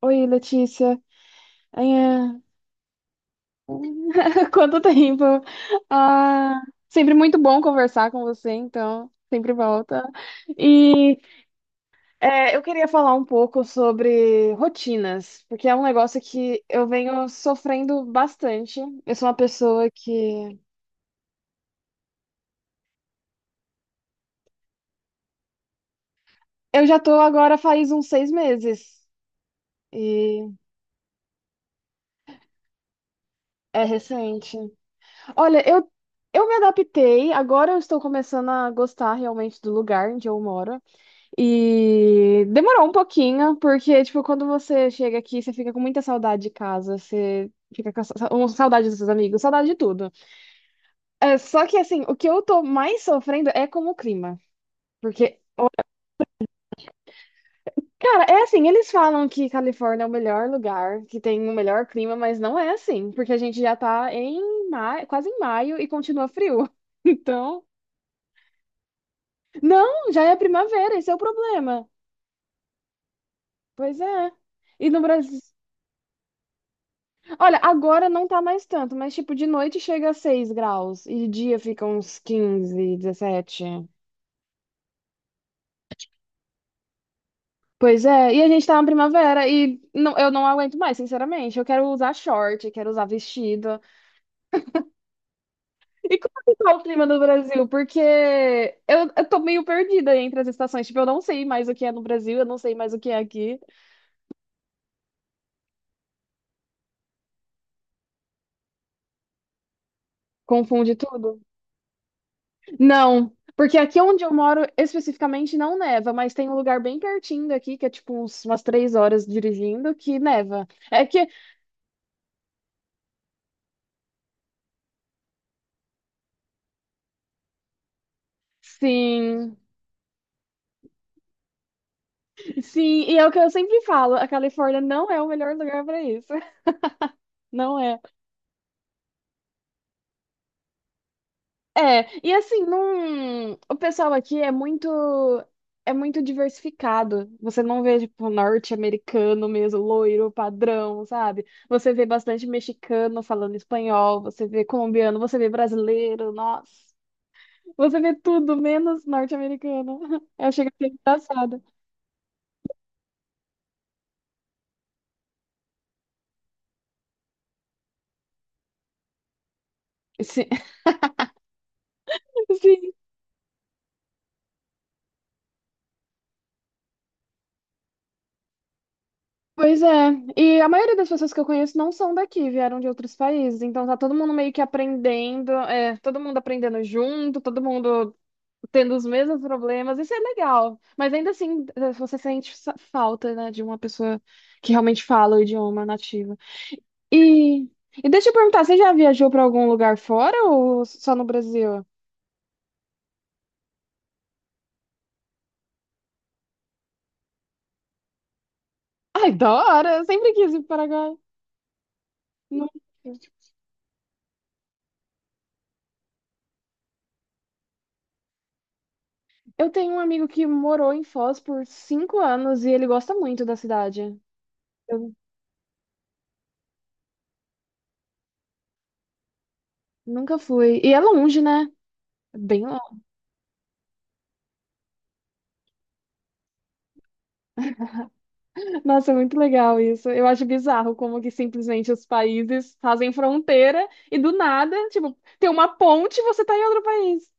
Oi, Letícia. É, quanto tempo? Ah, sempre muito bom conversar com você, então, sempre volta. E é, eu queria falar um pouco sobre rotinas, porque é um negócio que eu venho sofrendo bastante. Eu sou uma pessoa que. Eu já tô agora faz uns 6 meses, e é recente. Olha, eu me adaptei, agora eu estou começando a gostar realmente do lugar onde eu moro. E demorou um pouquinho, porque, tipo, quando você chega aqui, você fica com muita saudade de casa, você fica com saudade dos seus amigos, saudade de tudo. É, só que, assim, o que eu tô mais sofrendo é com o clima. Porque, cara, é assim, eles falam que Califórnia é o melhor lugar, que tem o melhor clima, mas não é assim, porque a gente já tá em maio, quase em maio e continua frio. Então, não, já é primavera, esse é o problema. Pois é. E no Brasil. Olha, agora não tá mais tanto, mas tipo, de noite chega a 6 graus e de dia fica uns 15, 17. Pois é, e a gente tá na primavera e não, eu não aguento mais, sinceramente. Eu quero usar short, quero usar vestido. E como que tá o clima no Brasil? Porque eu tô meio perdida entre as estações. Tipo, eu não sei mais o que é no Brasil, eu não sei mais o que é aqui. Confunde tudo. Não, porque aqui onde eu moro especificamente não neva, mas tem um lugar bem pertinho daqui, que é tipo uns- umas 3 horas dirigindo, que neva. É que, sim, sim, e é o que eu sempre falo, a Califórnia não é o melhor lugar para isso. Não é. É, e assim, não, o pessoal aqui é muito. É muito diversificado. Você não vê, tipo, norte-americano mesmo, loiro, padrão, sabe? Você vê bastante mexicano falando espanhol, você vê colombiano, você vê brasileiro, nossa. Você vê tudo, menos norte-americana. Eu chego a ser engraçada. Sim. Sim. Pois é. E a maioria das pessoas que eu conheço não são daqui, vieram de outros países. Então tá todo mundo meio que aprendendo, é, todo mundo aprendendo junto, todo mundo tendo os mesmos problemas. Isso é legal. Mas ainda assim, eh, você sente sa- falta, né, de uma pessoa que realmente fala o idioma nativo. E, e deixa eu perguntar, você já viajou pra algum lugar fora ou só no Brasil? Ai, da hora! Eu sempre quis ir pro Paraguai. Não. Eu tenho um amigo que morou em Foz por 5 anos e ele gosta muito da cidade. Eu nunca fui. E é longe, né? É bem longe. Nossa, é muito legal isso. Eu acho bizarro como que simplesmente os países fazem fronteira e do nada, tipo, tem uma ponte e você tá em outro país.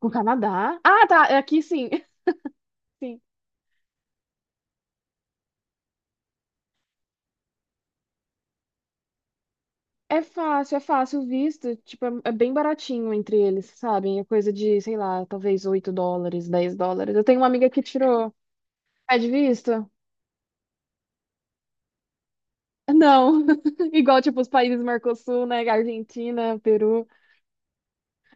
O Canadá? Ah, tá. É aqui sim. Sim. É fácil o visto. Tipo, é bem baratinho entre eles, sabem? É coisa de, sei lá, talvez 8 dólares, 10 dólares. Eu tenho uma amiga que tirou. É de visto? Não, igual tipo os países Mercosul, né? Argentina, Peru.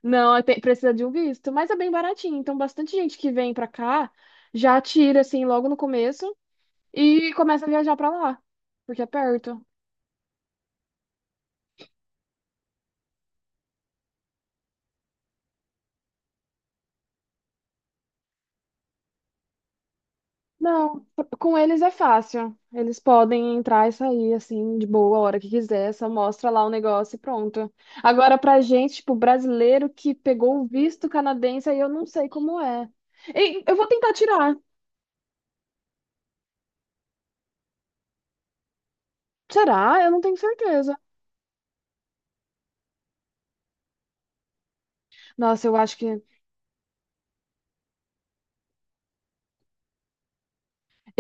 Não, é, tem- precisa de um visto, mas é bem baratinho. Então, bastante gente que vem pra cá já tira assim logo no começo e começa a viajar pra lá, porque é perto. Não, com eles é fácil. Eles podem entrar e sair assim de boa a hora que quiser, só mostra lá o negócio e pronto. Agora pra gente, tipo, brasileiro que pegou o visto canadense, aí eu não sei como é. E eu vou tentar tirar. Será? Eu não tenho certeza. Nossa, eu acho que.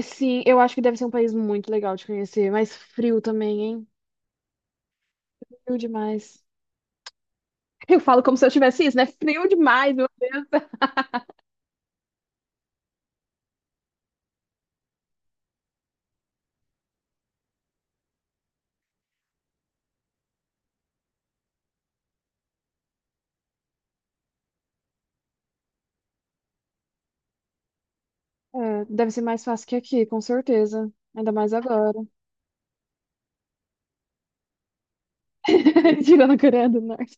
Sim, eu acho que deve ser um país muito legal de conhecer, mas frio também, hein? Frio demais. Eu falo como se eu tivesse isso, né? Frio demais, viu? É, deve ser mais fácil que aqui, com certeza. Ainda mais agora. Tirando a Coreia do Norte.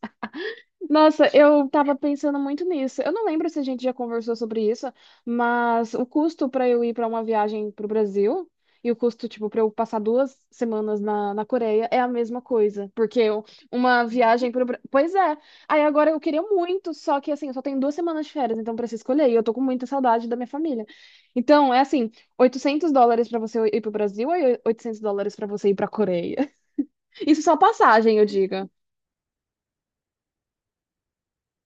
Nossa, eu tava pensando muito nisso. Eu não lembro se a gente já conversou sobre isso, mas o custo para eu ir para uma viagem pro Brasil e o custo, tipo, para eu passar 2 semanas na, na Coreia é a mesma coisa, porque eu- uma viagem pro Brasil. Pois é. Aí agora eu queria muito, só que assim, eu só tenho 2 semanas de férias, então preciso escolher, e eu tô com muita saudade da minha família. Então, é assim, 800 dólares para você ir pro Brasil e 800 dólares para você ir pra Coreia. Isso só passagem, eu diga.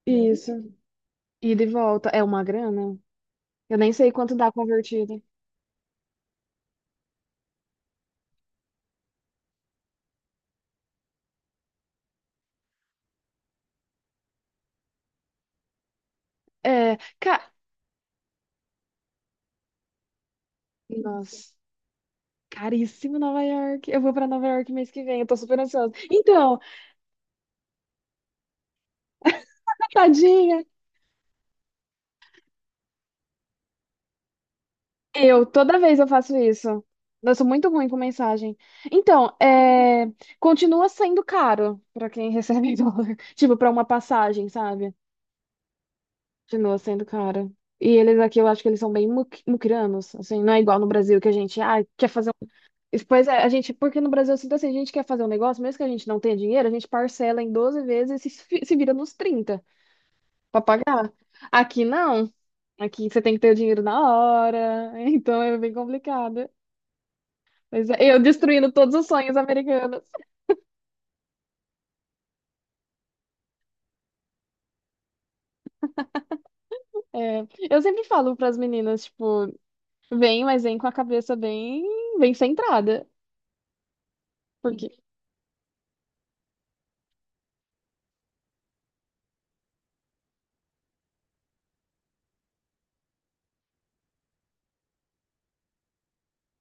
Isso. Ida e de volta é uma grana. Eu nem sei quanto dá convertido. É, ca... Nossa, caríssimo Nova York. Eu vou pra Nova York mês que vem, eu tô super ansiosa. Então, tadinha. Eu, toda vez eu faço isso. Eu sou muito ruim com mensagem. Então, é, continua sendo caro pra quem recebe em dólar. Tipo, pra uma passagem, sabe? Continua sendo caro. E eles aqui, eu acho que eles são bem muquiranos, assim, não é igual no Brasil que a gente, ah, quer fazer isso. Pois é, a gente, porque no Brasil, se assim, a gente quer fazer um negócio, mesmo que a gente não tenha dinheiro, a gente parcela em 12 vezes e se, se vira nos 30 para pagar. Aqui não, aqui você tem que ter o dinheiro na hora, então é bem complicado. Mas é, eu destruindo todos os sonhos americanos. É, eu sempre falo para as meninas, tipo, vem, mas vem com a cabeça bem, bem centrada. Porque,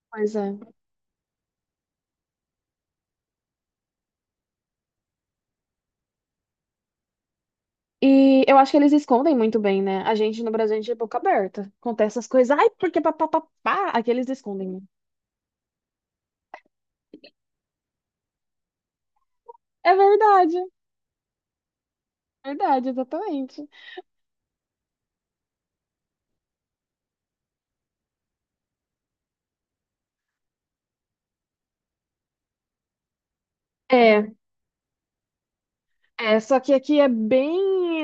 pois é. E eu acho que eles escondem muito bem, né? A gente no Brasil, a gente é boca aberta. Acontece as coisas, ai, porque papapá, aqui eles escondem. É verdade, verdade, exatamente. É, é, só que aqui é bem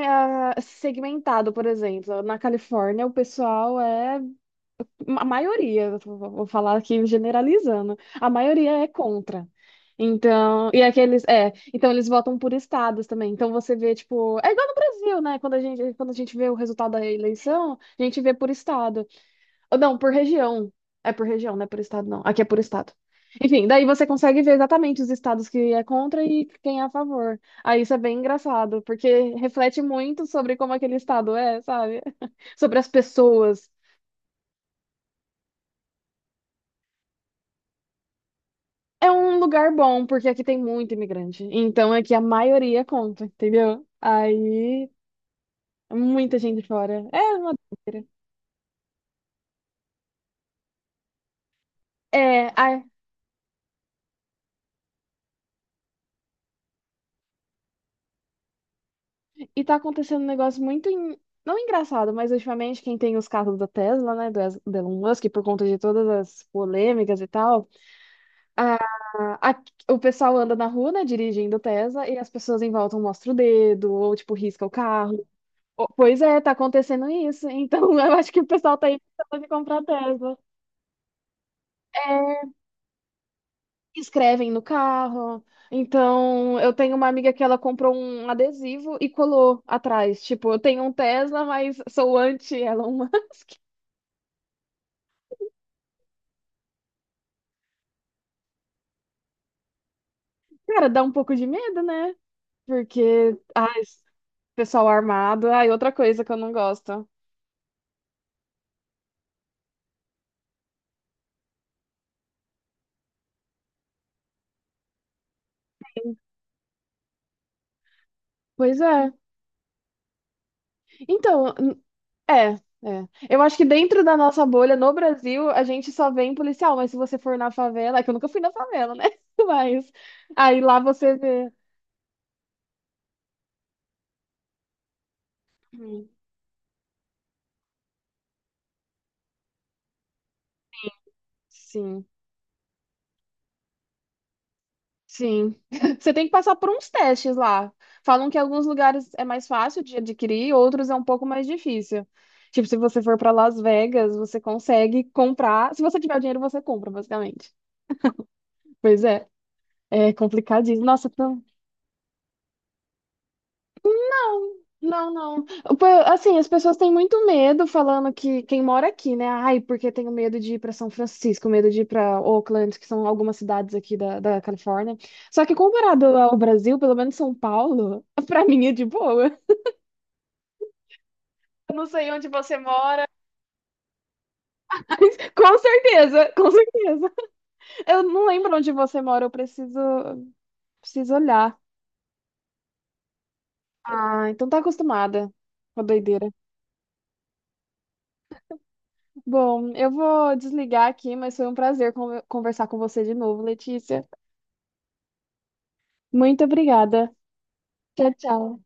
ah, segmentado, por exemplo. Na Califórnia, o pessoal é. A maioria, vou falar aqui generalizando, a maioria é contra. Então, e aqueles, é, então eles votam por estados também. Então você vê, tipo, é igual no Brasil, né? Quando a gente vê o resultado da eleição, a gente vê por estado. Ou não, por região. É por região, não é por estado, não. Aqui é por estado. Enfim, daí você consegue ver exatamente os estados que é contra e quem é a favor. Aí isso é bem engraçado, porque reflete muito sobre como aquele estado é, sabe? Sobre as pessoas. É um lugar bom, porque aqui tem muito imigrante. Então aqui a maioria conta, entendeu? Aí muita gente fora. É uma doideira. É, a. E tá acontecendo um negócio muito, não engraçado, mas ultimamente quem tem os carros da Tesla, né, do do Elon Musk, por conta de todas as polêmicas e tal, a, a- o pessoal anda na rua, né, dirigindo Tesla, e as pessoas em volta mostram o dedo, ou, tipo, risca o carro. Ou- pois é, tá acontecendo isso. Então, eu acho que o pessoal tá aí pensando em comprar Tesla. Escrevem no carro. Então, eu tenho uma amiga que ela comprou um adesivo e colou atrás. Tipo, eu tenho um Tesla, mas sou anti-Elon. Cara, dá um pouco de medo, né? Porque, ai, pessoal armado, ai, outra coisa que eu não gosto. Pois é. Então, é, é. Eu acho que dentro da nossa bolha, no Brasil, a gente só vê em policial, mas se você for na favela, é que eu nunca fui na favela, né? Mas aí lá você vê. Hum, Sim. Sim. Você tem que passar por uns testes lá. Falam que alguns lugares é mais fácil de adquirir, outros é um pouco mais difícil. Tipo, se você for para Las Vegas, você consegue comprar. Se você tiver o dinheiro, você compra, basicamente. Pois é, é complicadíssimo. Nossa, tô... Não, não. Pô, assim, as pessoas têm muito medo falando que quem mora aqui, né? Ai, porque tenho medo de ir para São Francisco, medo de ir para Oakland, que são algumas cidades aqui da, da Califórnia. Só que comparado ao Brasil, pelo menos São Paulo, para mim é de boa. Eu não sei onde você mora. Com certeza, com certeza. Eu não lembro onde você mora, eu preciso, preciso olhar. Ah, então tá acostumada com a doideira. Bom, eu vou desligar aqui, mas foi um prazer conversar com você de novo, Letícia. Muito obrigada. Tchau, tchau.